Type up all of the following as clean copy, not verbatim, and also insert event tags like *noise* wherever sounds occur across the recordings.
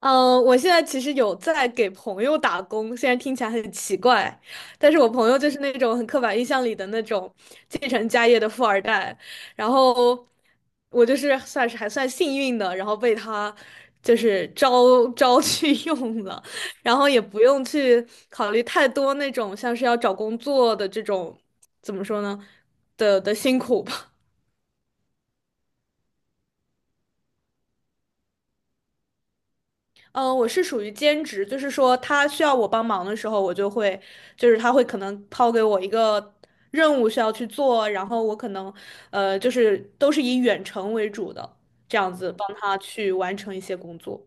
嗯，我现在其实有在给朋友打工，虽然听起来很奇怪，但是我朋友就是那种很刻板印象里的那种继承家业的富二代，然后我就是算是还算幸运的，然后被他就是招去 *laughs* 用了，然后也不用去考虑太多那种像是要找工作的这种，怎么说呢的的辛苦吧。嗯，我是属于兼职，就是说他需要我帮忙的时候，我就会，就是他会可能抛给我一个任务需要去做，然后我可能，就是都是以远程为主的，这样子帮他去完成一些工作。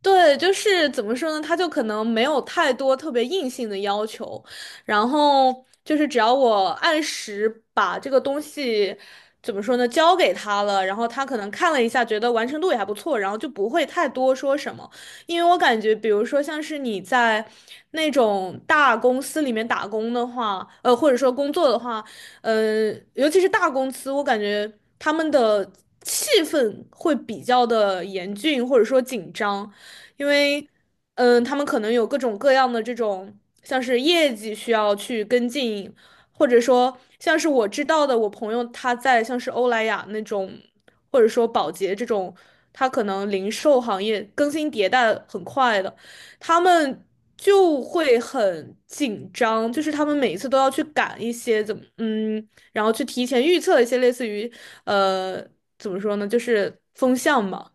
对，就是怎么说呢？他就可能没有太多特别硬性的要求，然后就是只要我按时把这个东西怎么说呢，交给他了，然后他可能看了一下，觉得完成度也还不错，然后就不会太多说什么。因为我感觉，比如说像是你在那种大公司里面打工的话，或者说工作的话，呃，尤其是大公司，我感觉他们的气氛会比较的严峻，或者说紧张。因为他们可能有各种各样的这种像是业绩需要去跟进，或者说像是我知道的，我朋友他在像是欧莱雅那种，或者说宝洁这种，他可能零售行业更新迭代很快的，他们。就会很紧张，就是他们每一次都要去赶一些怎么，嗯，然后去提前预测一些类似于，呃，怎么说呢，就是风向嘛。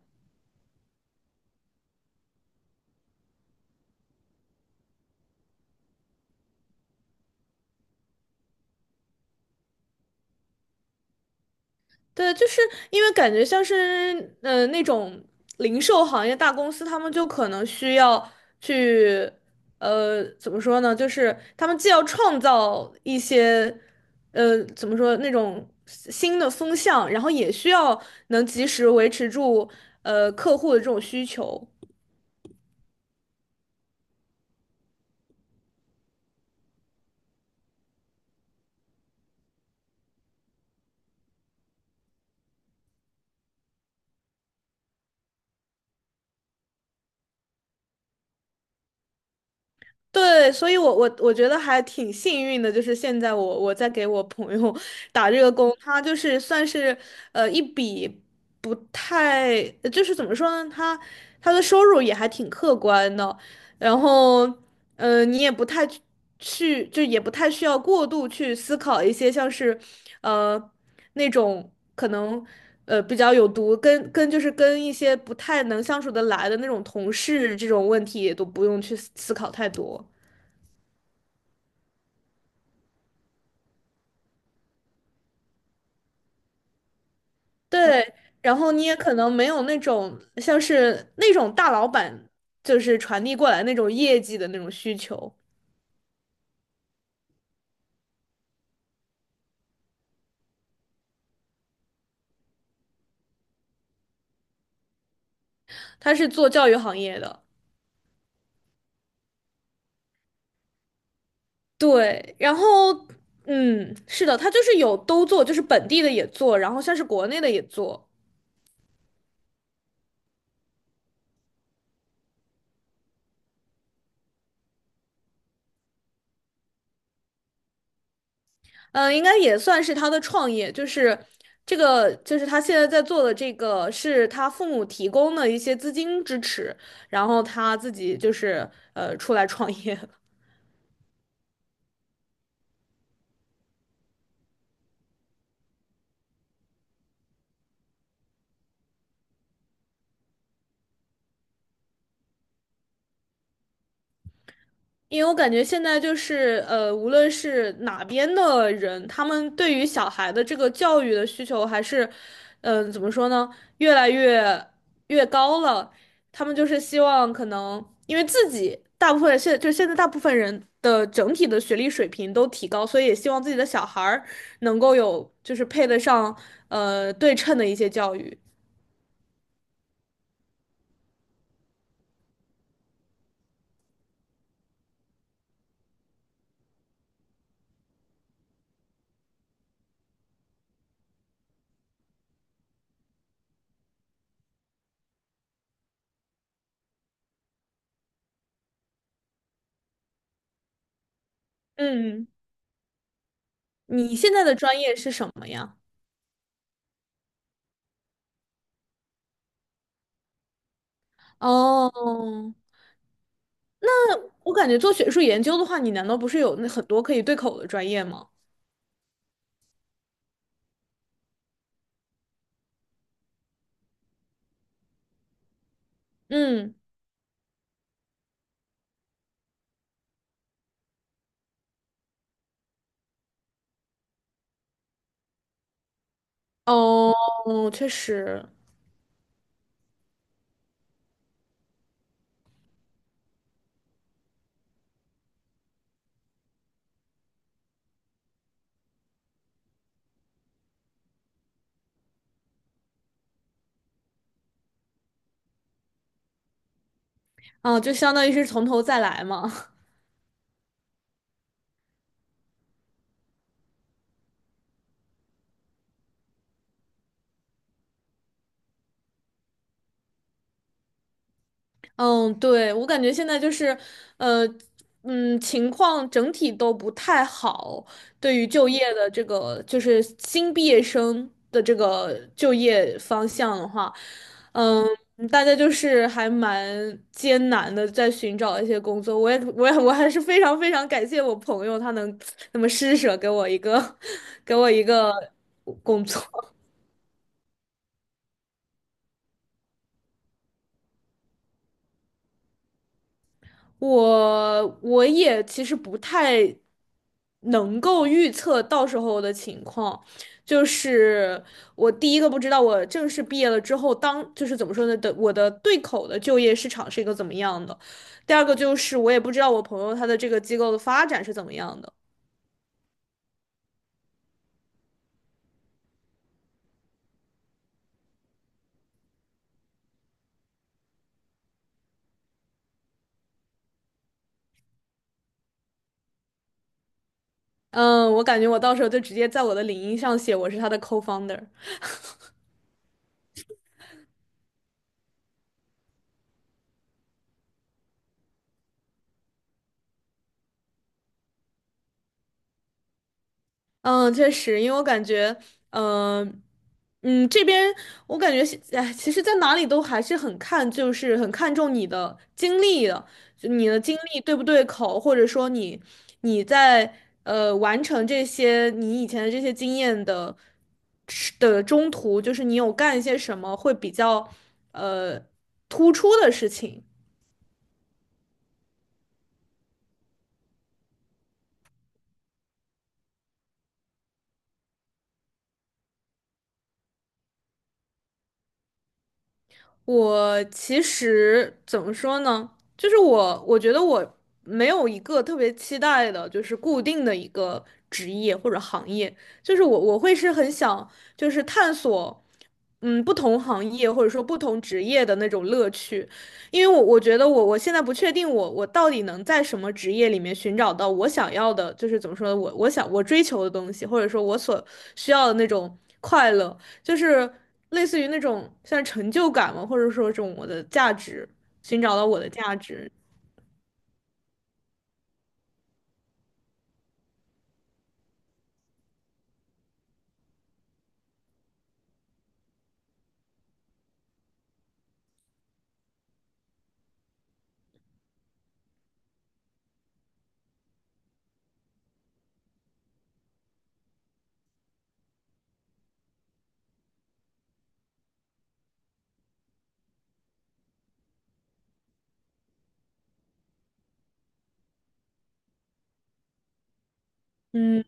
对，就是因为感觉像是那种零售行业大公司，他们就可能需要去怎么说呢？就是他们既要创造一些怎么说那种新的风向，然后也需要能及时维持住客户的这种需求。对，所以我觉得还挺幸运的，就是现在我在给我朋友 *laughs* 打这个工，他就是算是一笔不太，就是怎么说呢，他他的收入也还挺客观的，然后嗯，你也不太去去就也不太需要过度去思考一些像是呃那种可能比较有毒，跟就是跟一些不太能相处得来的那种同事这种问题也都不用去思考太多。对，然后你也可能没有那种像是那种大老板就是传递过来那种业绩的那种需求，他是做教育行业的，对，然后嗯，是的，他就是有都做，就是本地的也做，然后像是国内的也做，嗯、应该也算是他的创业，就是这个就是他现在在做的这个是他父母提供的一些资金支持，然后他自己就是出来创业。因为我感觉现在就是无论是哪边的人，他们对于小孩的这个教育的需求还是，怎么说呢，越来越高了。他们就是希望可能，因为自己大部分现在大部分人的整体的学历水平都提高，所以也希望自己的小孩儿能够有就是配得上对称的一些教育。嗯，你现在的专业是什么呀？哦，我感觉做学术研究的话，你难道不是有那很多可以对口的专业吗？嗯，哦，确实，啊，就相当于是从头再来嘛。*laughs* 嗯，对，我感觉现在就是，呃，情况整体都不太好，对于就业的这个，就是新毕业生的这个就业方向的话。嗯，大家就是还蛮艰难的在寻找一些工作。我还是非常非常感谢我朋友，他能那么施舍给我一个，*laughs* 给我一个工作。我也其实不太能够预测到时候的情况，就是我第一个不知道我正式毕业了之后，当就是怎么说呢的，我的对口的就业市场是一个怎么样的，第二个就是我也不知道我朋友他的这个机构的发展是怎么样的。嗯，我感觉我到时候就直接在我的领英上写我是他的 co-founder。*laughs* 嗯，确实，因为我感觉，嗯、这边我感觉现，哎，其实，在哪里都还是很看，就是很看重你的经历的，就你的经历对不对口，或者说你你在完成这些你以前的这些经验的是的中途，就是你有干一些什么会比较呃突出的事情。我其实怎么说呢？就是我，我觉得我没有一个特别期待的，就是固定的一个职业或者行业。就是我，我会是很想，就是探索，嗯，不同行业或者说不同职业的那种乐趣。因为我觉得我现在不确定我到底能在什么职业里面寻找到我想要的，就是怎么说呢，我想我追求的东西，或者说我所需要的那种快乐。就是类似于那种像成就感嘛，或者说这种我的价值，寻找到我的价值。嗯，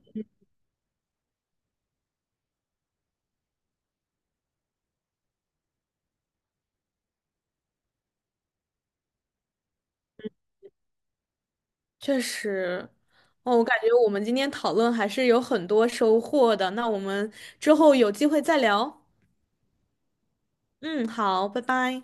确实。哦，我感觉我们今天讨论还是有很多收获的。那我们之后有机会再聊。嗯，好，拜拜。